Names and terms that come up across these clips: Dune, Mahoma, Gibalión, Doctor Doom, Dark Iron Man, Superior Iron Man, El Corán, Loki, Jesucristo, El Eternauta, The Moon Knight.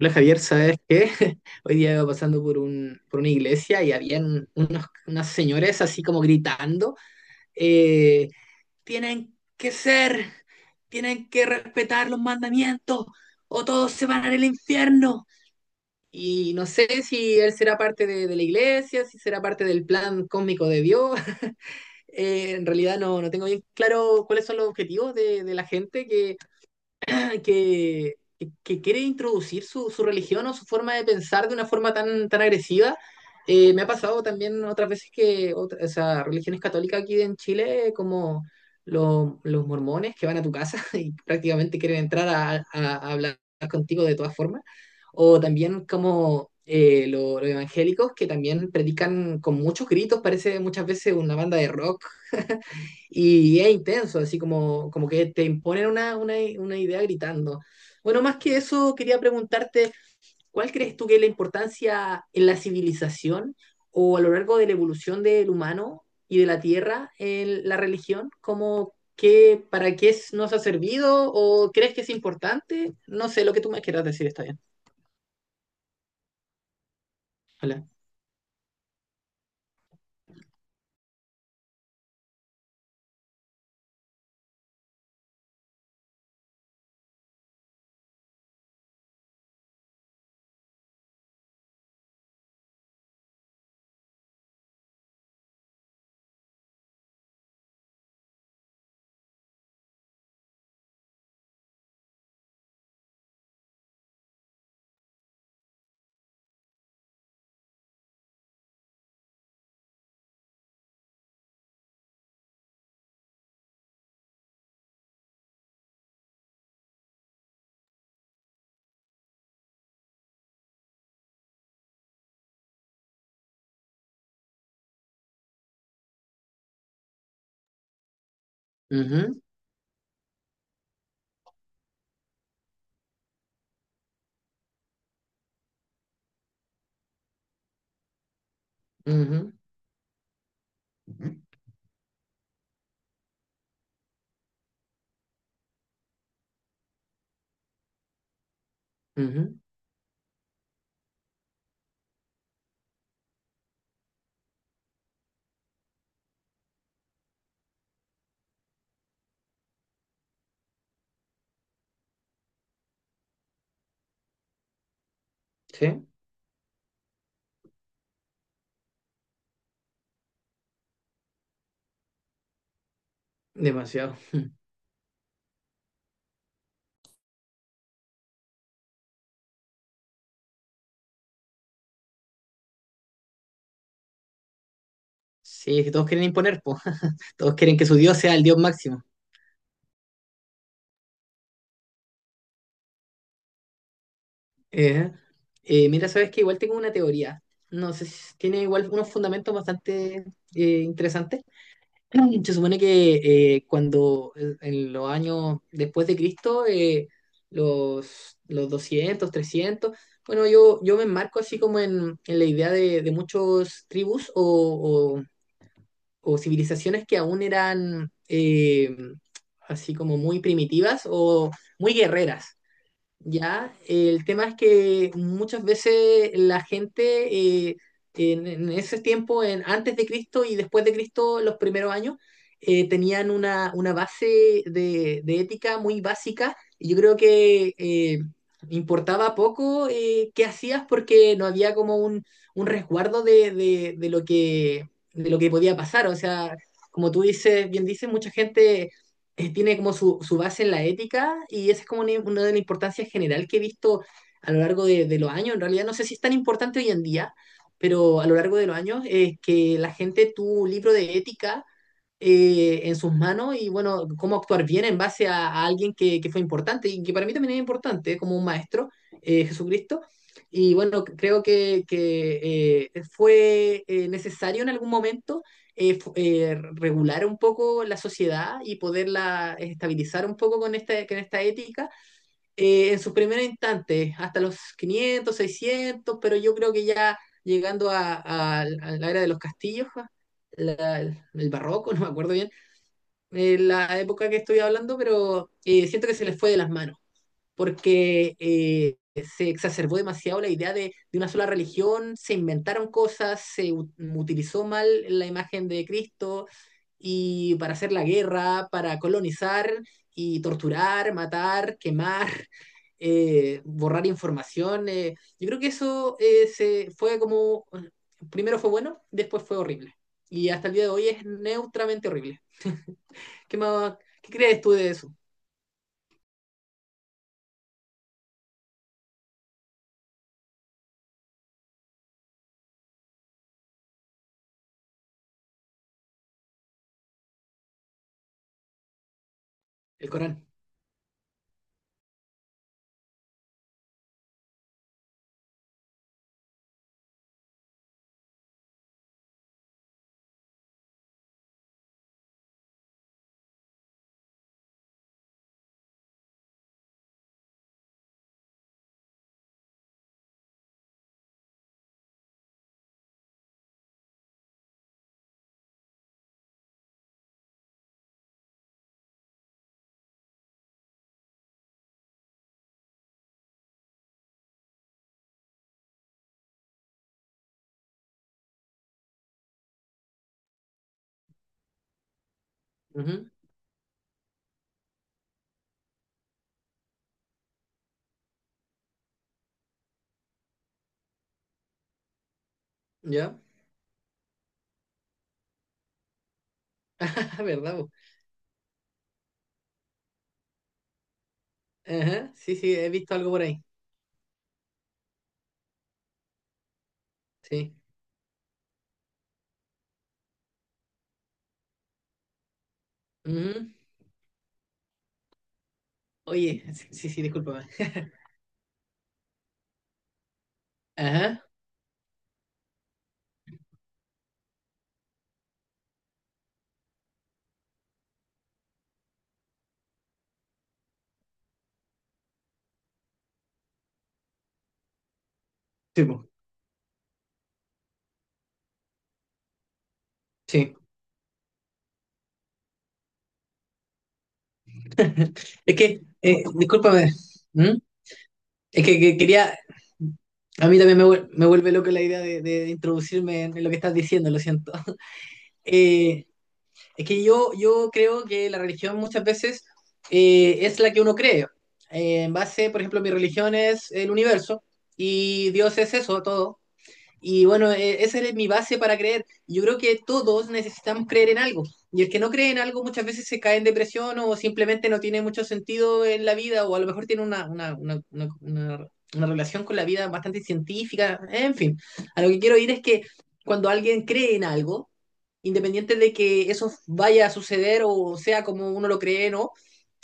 Hola Javier, ¿sabes qué? Hoy día iba pasando por, un, por una iglesia y habían unos, unas señores así como gritando, eh, tienen que ser, tienen que respetar los mandamientos o todos se van al infierno. Y no sé si él será parte de la iglesia, si será parte del plan cósmico de Dios. En realidad no tengo bien claro cuáles son los objetivos de la gente que, que quiere introducir su religión o su forma de pensar de una forma tan agresiva. Me ha pasado también otras veces o sea, religiones católicas aquí en Chile, como los mormones que van a tu casa y prácticamente quieren entrar a hablar contigo de todas formas, o también como los evangélicos que también predican con muchos gritos, parece muchas veces una banda de rock y es intenso, así como, como que te imponen una idea gritando. Bueno, más que eso, quería preguntarte, ¿cuál crees tú que es la importancia en la civilización o a lo largo de la evolución del humano y de la tierra en la religión? ¿Cómo, qué, nos ha servido o crees que es importante? No sé, lo que tú me quieras decir está bien. Hola. Ujú, ujú, ujú. Sí, demasiado. Sí, es que todos quieren imponer, po. Todos quieren que su Dios sea el Dios máximo. Eh, Mira, sabes que igual tengo una teoría. No sé si tiene igual unos fundamentos bastante interesantes. Se supone que cuando en los años después de Cristo, los 200 300 bueno, yo me enmarco así como en la idea de muchos tribus o civilizaciones que aún eran así como muy primitivas o muy guerreras. Ya, el tema es que muchas veces la gente en ese tiempo, en, antes de Cristo y después de Cristo, los primeros años, tenían una base de ética muy básica y yo creo que importaba poco qué hacías porque no había como un resguardo de lo que podía pasar. O sea, como tú dices, bien dices, mucha gente tiene como su base en la ética y esa es como una de las importancias general que he visto a lo largo de los años. En realidad no sé si es tan importante hoy en día, pero a lo largo de los años es que la gente tuvo un libro de ética en sus manos y bueno, cómo actuar bien en base a alguien que fue importante y que para mí también es importante como un maestro, Jesucristo. Y bueno, creo que fue necesario en algún momento regular un poco la sociedad y poderla estabilizar un poco con con esta ética en sus primeros instantes, hasta los 500, 600, pero yo creo que ya llegando a la era de los castillos, ja, la- el barroco, no me acuerdo bien, la época que estoy hablando, pero siento que se les fue de las manos porque se exacerbó demasiado la idea una sola religión, se inventaron cosas, utilizó mal la imagen de Cristo y para hacer la guerra, para colonizar y torturar, matar, quemar, borrar información. Yo creo que eso se fue como, primero fue bueno, después fue horrible. Y hasta el día de hoy es neutramente horrible. ¿Qué más, qué crees tú de eso? El Corán. Ujú. ¿Ya? ¿Verdad, po? Ajá, sí, sí, he visto algo por ahí. Sí. Ujú. Oye, sí, sí, discúlpame. Ajá. Sí, po, sí. Discúlpame. ¿Mm? Es que quería. A mí también me vuelve loco la idea de introducirme en lo que estás diciendo, lo siento. Eh, yo creo que la religión muchas veces es la que uno cree. En base, por ejemplo, mi religión es el universo y Dios es eso, todo. Y bueno, esa es mi base para creer. Yo creo que todos necesitamos creer en algo. Y el que no cree en algo muchas veces se cae en depresión o simplemente no tiene mucho sentido en la vida o a lo mejor tiene una relación con la vida bastante científica. En fin, a lo que quiero ir es que cuando alguien cree en algo, independiente de que eso vaya a suceder o sea como uno lo cree, o ¿no?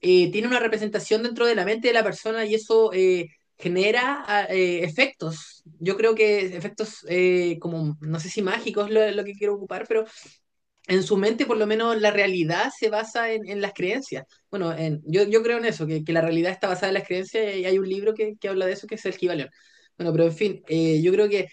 tiene una representación dentro de la mente de la persona y eso genera efectos. Yo creo que efectos como, no sé si mágicos es lo que quiero ocupar, pero en su mente por lo menos la realidad se basa en las creencias. Bueno, yo creo en eso, que la realidad está basada en las creencias y hay un libro que habla de eso que es el Gibalión. Bueno, pero en fin, yo creo que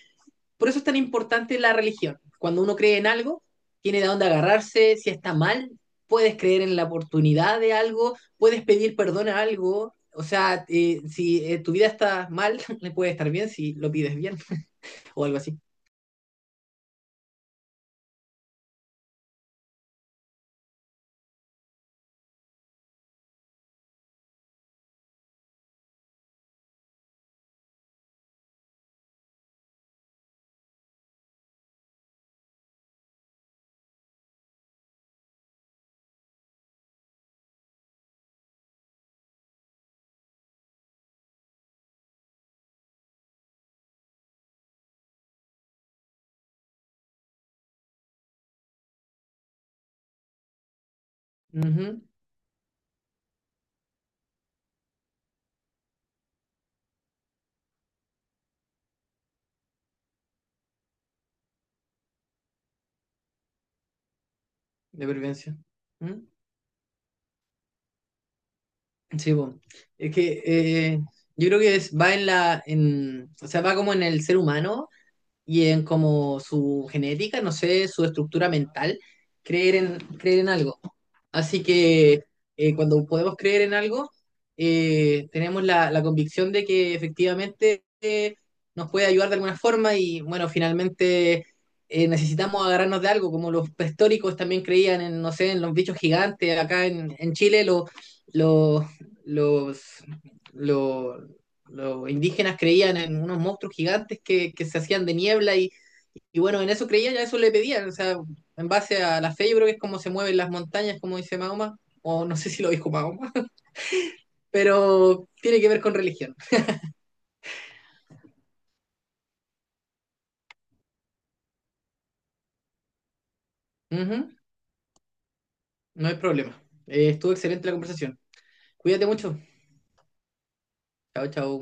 por eso es tan importante la religión. Cuando uno cree en algo, tiene de dónde agarrarse, si está mal, puedes creer en la oportunidad de algo, puedes pedir perdón a algo, o sea, si tu vida está mal, le puede estar bien si lo pides bien o algo así. Ujú. De prevención. ¿Mm? Sí, bueno. Es que yo creo que va en o sea, va como en el ser humano y en como su genética, no sé, su estructura mental, creer en algo. Así que cuando podemos creer en algo, tenemos la convicción de que efectivamente nos puede ayudar de alguna forma y bueno, finalmente necesitamos agarrarnos de algo, como los prehistóricos también creían en, no sé, en los bichos gigantes, acá en Chile los, los, lo- los indígenas creían en unos monstruos gigantes que se hacían de niebla y, bueno, en eso creían, ya eso le pedían, o sea, en base a la fe yo creo que es como se mueven las montañas, como dice Mahoma, o no sé si lo dijo Mahoma, pero tiene que ver con religión. Uh -huh, no hay problema. Estuvo excelente la conversación. Cuídate mucho. Chao, chao.